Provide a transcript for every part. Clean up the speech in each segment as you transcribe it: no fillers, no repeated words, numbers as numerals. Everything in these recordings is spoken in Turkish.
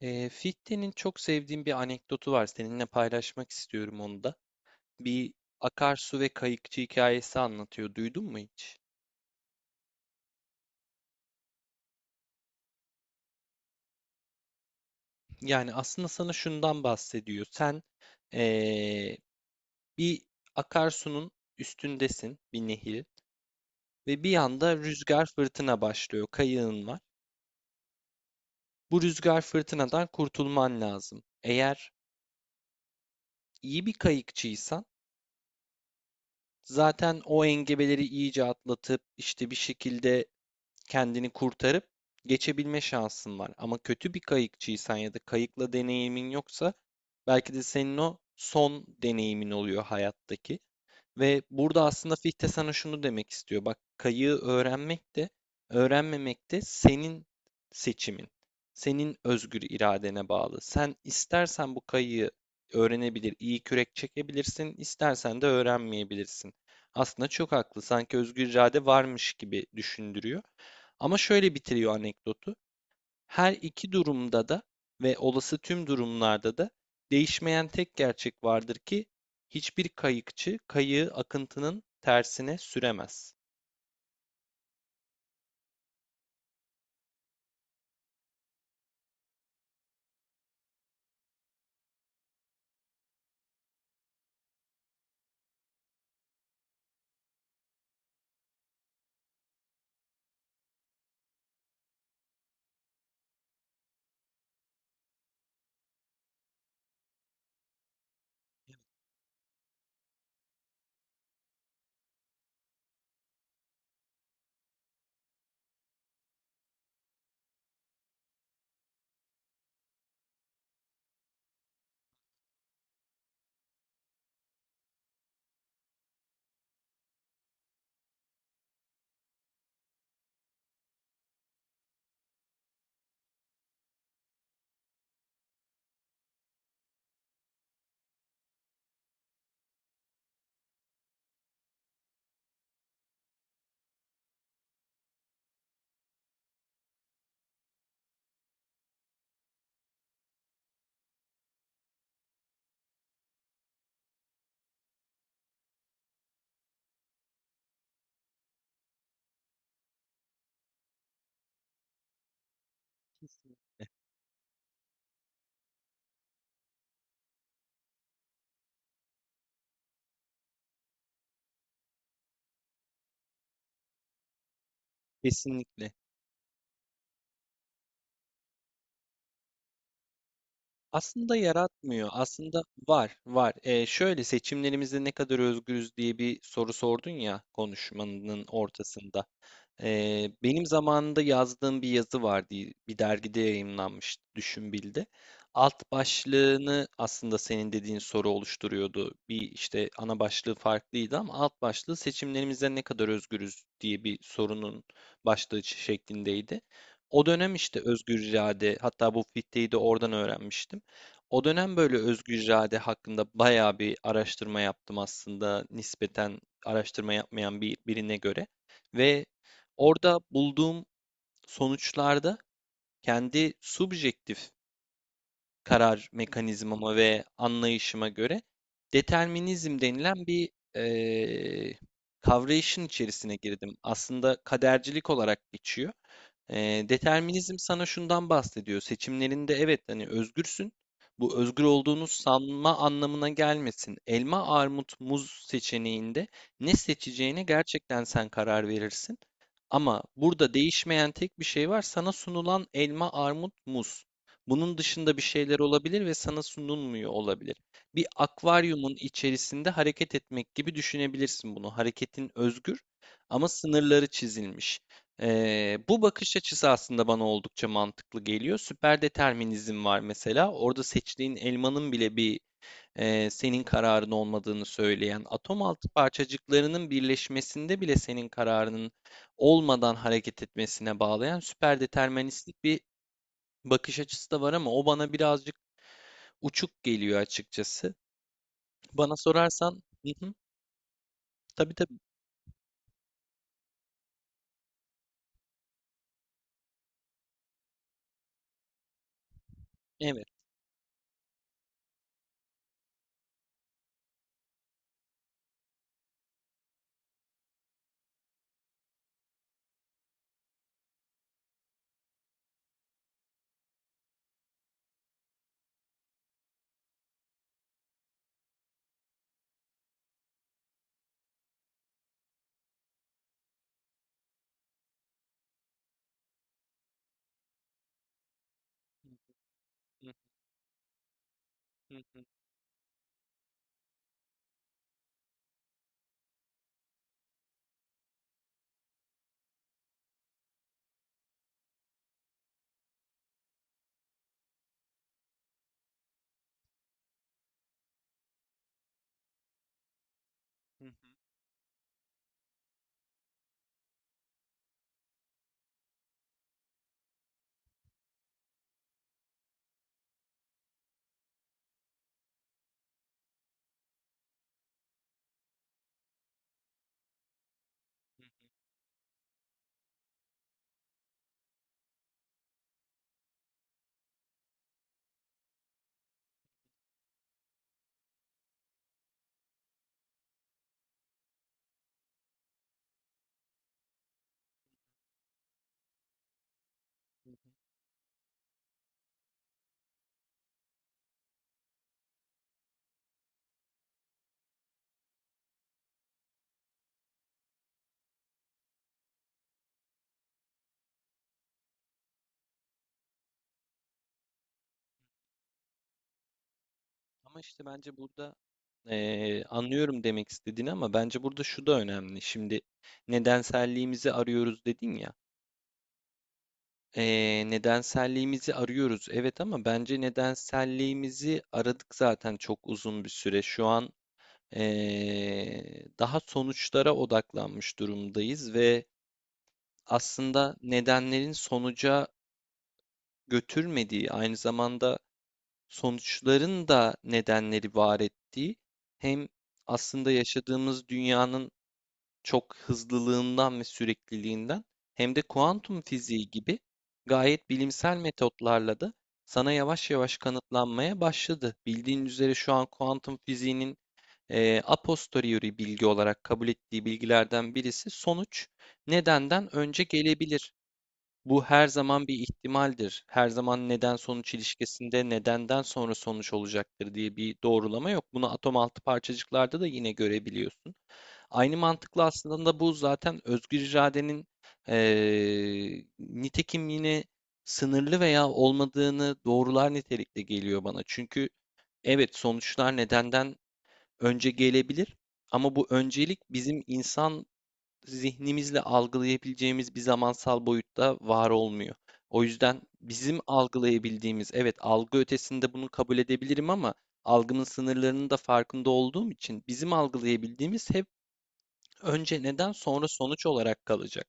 Fichte'nin çok sevdiğim bir anekdotu var. Seninle paylaşmak istiyorum onu da. Bir akarsu ve kayıkçı hikayesi anlatıyor. Duydun mu hiç? Yani aslında sana şundan bahsediyor. Sen ee, bir akarsunun üstündesin, bir nehir ve bir anda rüzgar fırtına başlıyor. Kayığın var. Bu rüzgar fırtınadan kurtulman lazım. Eğer iyi bir kayıkçıysan zaten o engebeleri iyice atlatıp işte bir şekilde kendini kurtarıp geçebilme şansın var. Ama kötü bir kayıkçıysan ya da kayıkla deneyimin yoksa belki de senin o son deneyimin oluyor hayattaki. Ve burada aslında Fichte sana şunu demek istiyor. Bak kayığı öğrenmek de öğrenmemek de senin seçimin. Senin özgür iradene bağlı. Sen istersen bu kayığı öğrenebilir, iyi kürek çekebilirsin, istersen de öğrenmeyebilirsin. Aslında çok haklı. Sanki özgür irade varmış gibi düşündürüyor. Ama şöyle bitiriyor anekdotu. Her iki durumda da ve olası tüm durumlarda da değişmeyen tek gerçek vardır ki hiçbir kayıkçı kayığı akıntının tersine süremez. Kesinlikle. Aslında yaratmıyor. Aslında var, var. Şöyle seçimlerimizde ne kadar özgürüz diye bir soru sordun ya konuşmanın ortasında. Benim zamanında yazdığım bir yazı vardı. Bir dergide yayımlanmıştı, Düşünbil'de. Alt başlığını aslında senin dediğin soru oluşturuyordu. Bir işte ana başlığı farklıydı ama alt başlığı seçimlerimizde ne kadar özgürüz diye bir sorunun başlığı şeklindeydi. O dönem işte özgür irade, hatta bu fitteyi de oradan öğrenmiştim. O dönem böyle özgür irade hakkında bayağı bir araştırma yaptım aslında nispeten araştırma yapmayan birine göre. Ve orada bulduğum sonuçlarda kendi subjektif karar mekanizmama ve anlayışıma göre determinizm denilen bir eee kavrayışın içerisine girdim. Aslında kadercilik olarak geçiyor. Determinizm sana şundan bahsediyor. Seçimlerinde evet hani özgürsün. Bu özgür olduğunu sanma anlamına gelmesin. Elma, armut, muz seçeneğinde ne seçeceğine gerçekten sen karar verirsin. Ama burada değişmeyen tek bir şey var. Sana sunulan elma, armut, muz. Bunun dışında bir şeyler olabilir ve sana sunulmuyor olabilir. Bir akvaryumun içerisinde hareket etmek gibi düşünebilirsin bunu. Hareketin özgür ama sınırları çizilmiş. Bu bakış açısı aslında bana oldukça mantıklı geliyor. Süper determinizm var mesela. Orada seçtiğin elmanın bile bir senin kararın olmadığını söyleyen, atom altı parçacıklarının birleşmesinde bile senin kararının olmadan hareket etmesine bağlayan süper deterministik bir bakış açısı da var ama o bana birazcık uçuk geliyor açıkçası. Bana sorarsan, hı hı, tabii tabii, evet. Hı hı hı hı. Ama işte bence burada anlıyorum demek istediğini ama bence burada şu da önemli. Şimdi nedenselliğimizi arıyoruz dedin ya. Nedenselliğimizi arıyoruz evet ama bence nedenselliğimizi aradık zaten çok uzun bir süre. Şu an daha sonuçlara odaklanmış durumdayız ve aslında nedenlerin sonuca götürmediği aynı zamanda sonuçların da nedenleri var ettiği hem aslında yaşadığımız dünyanın çok hızlılığından ve sürekliliğinden hem de kuantum fiziği gibi gayet bilimsel metotlarla da sana yavaş yavaş kanıtlanmaya başladı. Bildiğin üzere şu an kuantum fiziğinin a posteriori bilgi olarak kabul ettiği bilgilerden birisi sonuç nedenden önce gelebilir. Bu her zaman bir ihtimaldir. Her zaman neden sonuç ilişkisinde nedenden sonra sonuç olacaktır diye bir doğrulama yok. Bunu atom altı parçacıklarda da yine görebiliyorsun. Aynı mantıkla aslında bu zaten özgür iradenin nitekimliğini sınırlı veya olmadığını doğrular nitelikte geliyor bana. Çünkü evet sonuçlar nedenden önce gelebilir ama bu öncelik bizim insan zihnimizle algılayabileceğimiz bir zamansal boyutta var olmuyor. O yüzden bizim algılayabildiğimiz, evet algı ötesinde bunu kabul edebilirim ama algımın sınırlarının da farkında olduğum için bizim algılayabildiğimiz hep önce neden sonra sonuç olarak kalacak.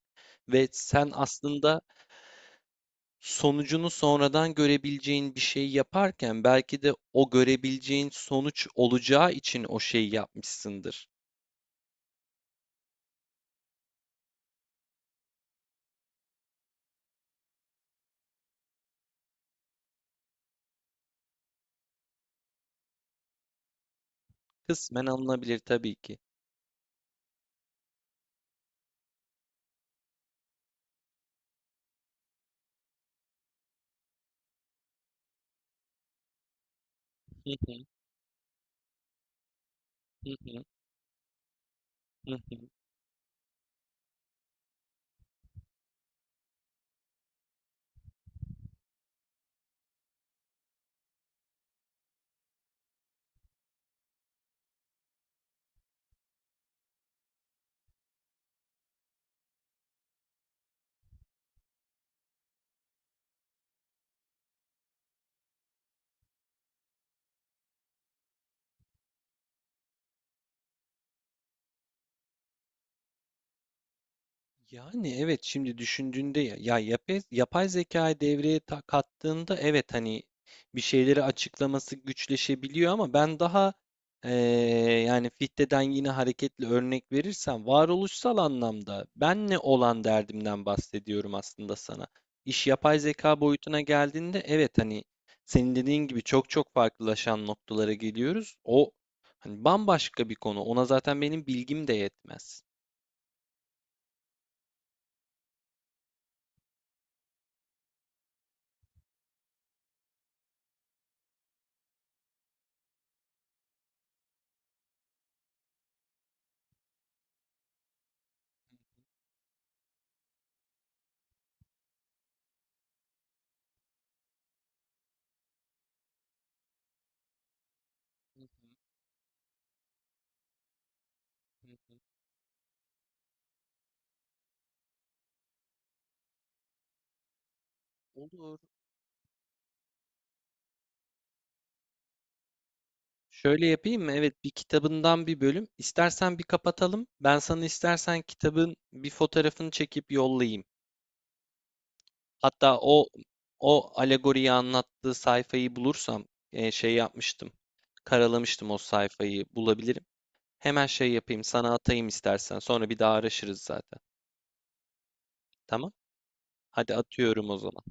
Ve sen aslında sonucunu sonradan görebileceğin bir şey yaparken belki de o görebileceğin sonuç olacağı için o şeyi yapmışsındır. Kısmen alınabilir tabii ki. Hı hı, hı hı, hı hı. Yani evet şimdi düşündüğünde ya yapay zekayı devreye kattığında evet hani bir şeyleri açıklaması güçleşebiliyor ama ben daha eee, yani Fichte'den yine hareketli örnek verirsem varoluşsal anlamda benle olan derdimden bahsediyorum aslında sana. İş yapay zeka boyutuna geldiğinde evet hani senin dediğin gibi çok çok farklılaşan noktalara geliyoruz. O hani bambaşka bir konu. Ona zaten benim bilgim de yetmez. Hı hı, hı. Olur. Şöyle yapayım mı? Evet, bir kitabından bir bölüm. İstersen bir kapatalım. Ben sana istersen kitabın bir fotoğrafını çekip yollayayım. Hatta o alegoriyi anlattığı sayfayı bulursam şey yapmıştım. Karalamıştım o sayfayı bulabilirim. Hemen şey yapayım, sana atayım istersen. Sonra bir daha araşırız zaten. Tamam? Hadi atıyorum o zaman.